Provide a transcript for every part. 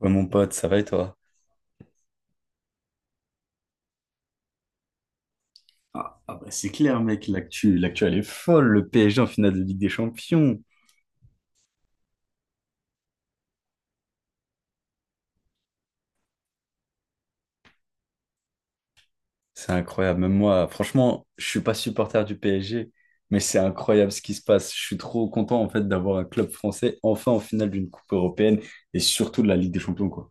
Ouais, mon pote, ça va et toi? Ah bah, c'est clair, mec, l'actu, l'actu, elle est folle. Le PSG en finale de Ligue des Champions. C'est incroyable. Même moi, franchement, je suis pas supporter du PSG, mais c'est incroyable ce qui se passe. Je suis trop content en fait d'avoir un club français enfin en finale d'une coupe européenne et surtout de la Ligue des Champions, quoi.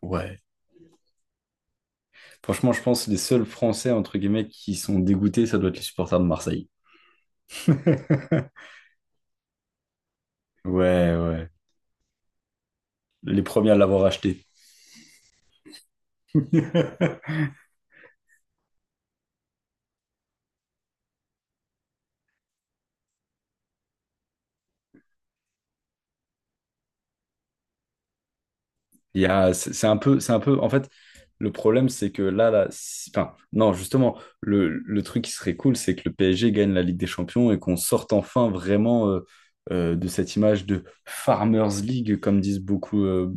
Ouais. Franchement, je pense que les seuls Français entre guillemets qui sont dégoûtés, ça doit être les supporters de Marseille. Ouais, ouais. Les premiers à l'avoir acheté. C'est un peu, en fait, le problème, c'est que là, enfin, non, justement, le truc qui serait cool, c'est que le PSG gagne la Ligue des Champions et qu'on sorte enfin vraiment de cette image de Farmers League, comme disent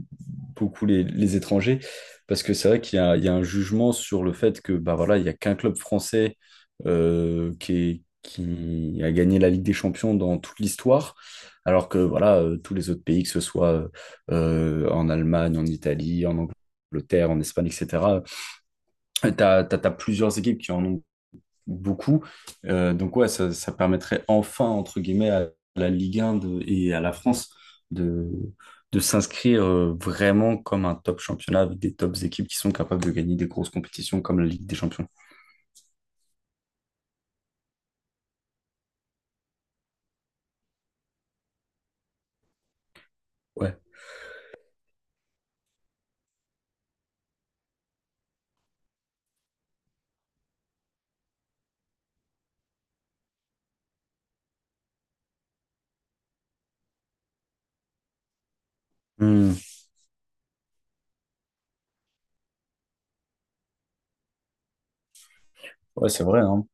beaucoup les étrangers, parce que c'est vrai qu'il y a un jugement sur le fait que, bah voilà, il n'y a qu'un club français qui a gagné la Ligue des Champions dans toute l'histoire, alors que, voilà, tous les autres pays, que ce soit en Allemagne, en Italie, en Angleterre, en Espagne, etc. Tu as plusieurs équipes qui en ont beaucoup. Donc ouais, ça permettrait enfin, entre guillemets, à la Ligue 1 et à la France de, de s'inscrire vraiment comme un top championnat avec des tops équipes qui sont capables de gagner des grosses compétitions comme la Ligue des Champions. Ouais. Hmm. Ouais, c'est vrai, hein.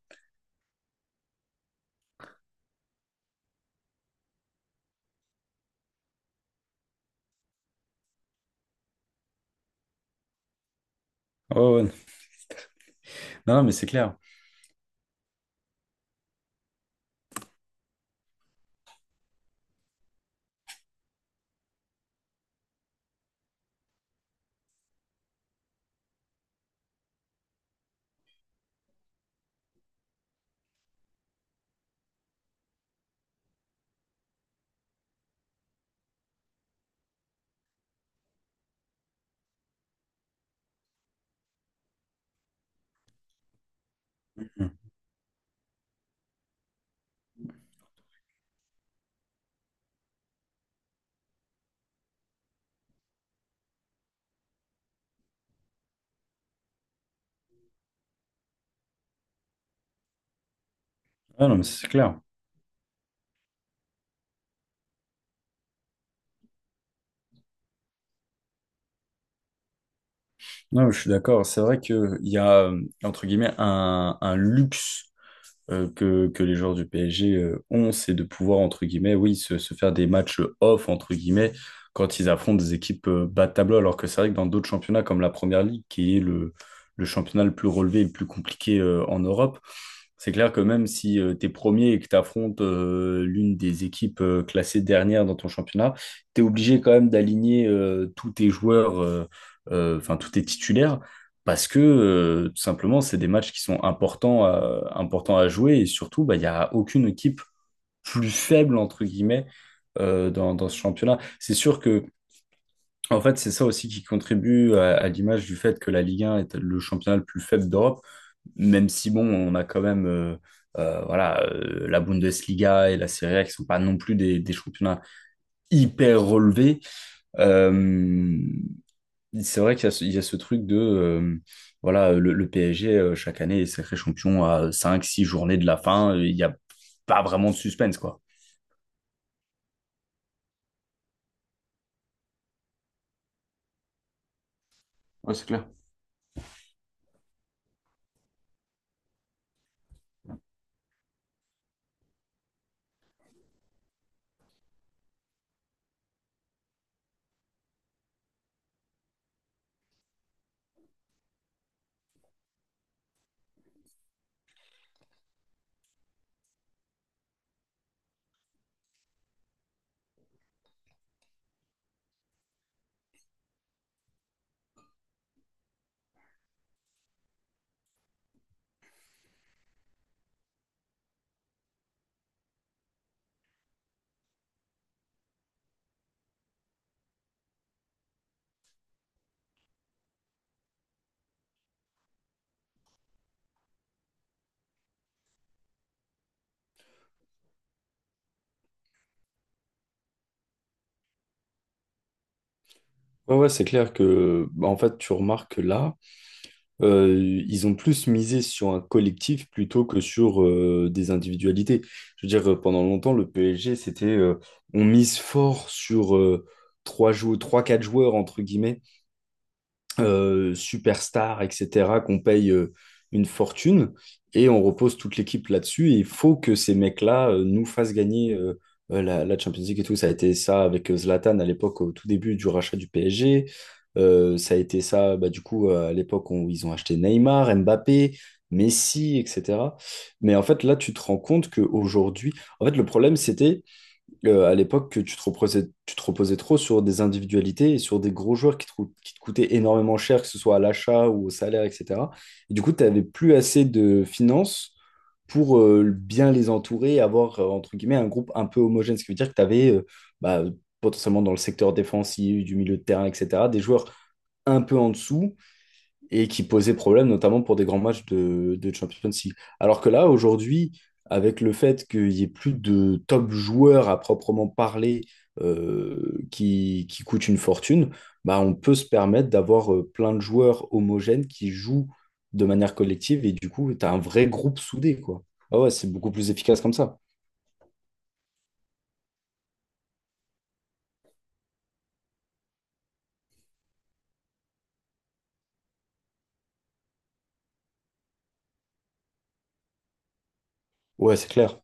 Ouais, ouais. Non, non, mais c'est clair. Hmm. Ah, non, mais c'est clair. Non, mais je suis d'accord. C'est vrai qu'il y a, entre guillemets, un luxe que les joueurs du PSG ont, c'est de pouvoir, entre guillemets, oui, se faire des matchs off, entre guillemets, quand ils affrontent des équipes bas de tableau, alors que c'est vrai que dans d'autres championnats comme la Première Ligue, qui est le championnat le plus relevé et le plus compliqué en Europe, c'est clair que même si tu es premier et que tu affrontes l'une des équipes classées dernière dans ton championnat, tu es obligé quand même d'aligner tous tes joueurs, enfin tous tes titulaires parce que tout simplement, c'est des matchs qui sont importants à jouer et surtout, bah, il n'y a aucune équipe plus faible, entre guillemets, dans ce championnat. C'est sûr que, en fait, c'est ça aussi qui contribue à l'image du fait que la Ligue 1 est le championnat le plus faible d'Europe, même si, bon, on a quand même voilà, la Bundesliga et la Serie A qui sont pas non plus des championnats hyper relevés. Euh, c'est vrai qu'il y a ce truc de, voilà, le PSG, chaque année, est sacré champion à cinq six journées de la fin. Il n'y a pas vraiment de suspense, quoi. Ouais, c'est clair. Ouais, ouais, c'est clair que, bah, en fait, tu remarques que là, ils ont plus misé sur un collectif plutôt que sur des individualités. Je veux dire, pendant longtemps, le PSG, c'était, on mise fort sur trois, quatre joueurs, entre guillemets, superstars, etc., qu'on paye une fortune, et on repose toute l'équipe là-dessus. Et il faut que ces mecs-là nous fassent gagner la Champions League et tout. Ça a été ça avec Zlatan à l'époque, au tout début du rachat du PSG. Ça a été ça, bah, du coup, à l'époque où ils ont acheté Neymar, Mbappé, Messi, etc. Mais en fait, là, tu te rends compte qu'aujourd'hui, en fait, le problème, c'était à l'époque que tu te reposais trop sur des individualités et sur des gros joueurs qui te coûtaient énormément cher, que ce soit à l'achat ou au salaire, etc. Et du coup, tu n'avais plus assez de finances pour bien les entourer et avoir, entre guillemets, un groupe un peu homogène. Ce qui veut dire que tu avais potentiellement dans le secteur défensif, du milieu de terrain, etc., des joueurs un peu en dessous et qui posait problème, notamment pour des grands matchs de Champions League. Alors que là, aujourd'hui, avec le fait qu'il n'y ait plus de top joueurs à proprement parler qui coûtent une fortune, bah, on peut se permettre d'avoir plein de joueurs homogènes qui jouent de manière collective et du coup, tu as un vrai groupe soudé, quoi. Ah ouais, c'est beaucoup plus efficace comme ça. Ouais, c'est clair.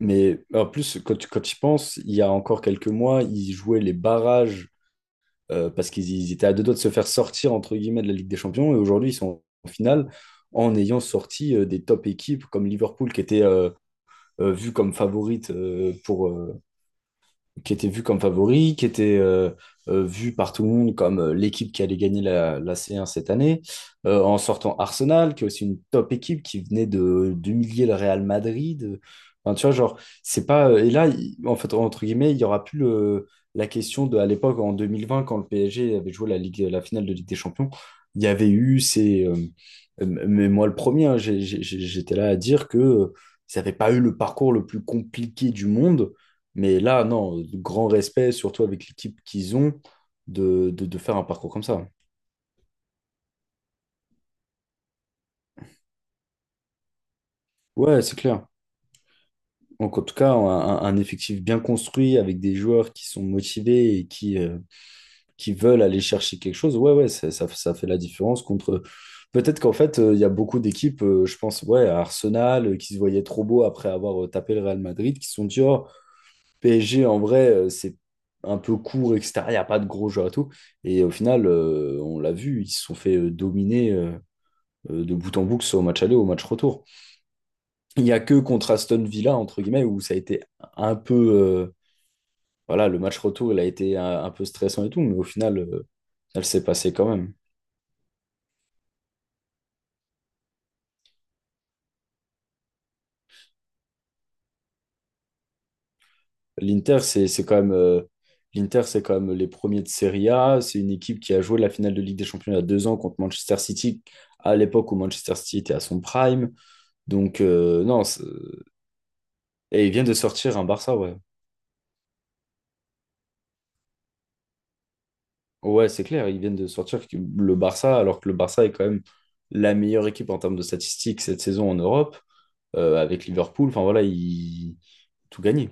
Mais en plus, quand tu y penses, il y a encore quelques mois, ils jouaient les barrages parce qu'ils ils étaient à deux doigts de se faire sortir, entre guillemets, de la Ligue des Champions. Et aujourd'hui, ils sont en finale en ayant sorti des top équipes comme Liverpool, qui était vue comme favorite pour, qui était vu comme favori, qui était vu par tout le monde comme l'équipe qui allait gagner la C1 cette année, en sortant Arsenal, qui est aussi une top équipe qui venait de d'humilier le Real Madrid. Enfin, tu vois, genre, c'est pas. Et là, en fait, entre guillemets, il y aura plus la question de, à l'époque, en 2020, quand le PSG avait joué la finale de Ligue des Champions, il y avait eu ces, mais moi, le premier, hein, j'étais là à dire que ça n'avait pas eu le parcours le plus compliqué du monde, mais là, non, grand respect, surtout avec l'équipe qu'ils ont, de faire un parcours comme ça. Ouais, c'est clair. Donc, en tout cas, effectif bien construit avec des joueurs qui sont motivés et qui veulent aller chercher quelque chose, ouais, ouais, ça fait la différence contre. Peut-être qu'en fait, il y a beaucoup d'équipes, je pense, ouais, à Arsenal, qui se voyaient trop beaux après avoir tapé le Real Madrid, qui se sont dit, oh, PSG, en vrai, c'est un peu court, extérieur, il n'y a pas de gros joueurs et tout. Et au final, on l'a vu, ils se sont fait dominer de bout en bout, que ce soit au match aller ou au match retour. Il n'y a que contre Aston Villa, entre guillemets, où ça a été un peu, voilà, le match retour, il a été un peu stressant et tout, mais au final, elle s'est passée quand même. L'Inter, c'est quand même. L'Inter, c'est quand même les premiers de Serie A. C'est une équipe qui a joué la finale de Ligue des Champions il y a 2 ans contre Manchester City, à l'époque où Manchester City était à son prime. Donc, non, et ils viennent de sortir un Barça, ouais. Ouais, c'est clair, ils viennent de sortir le Barça, alors que le Barça est quand même la meilleure équipe en termes de statistiques cette saison en Europe, avec Liverpool. Enfin, voilà, ils tout gagné.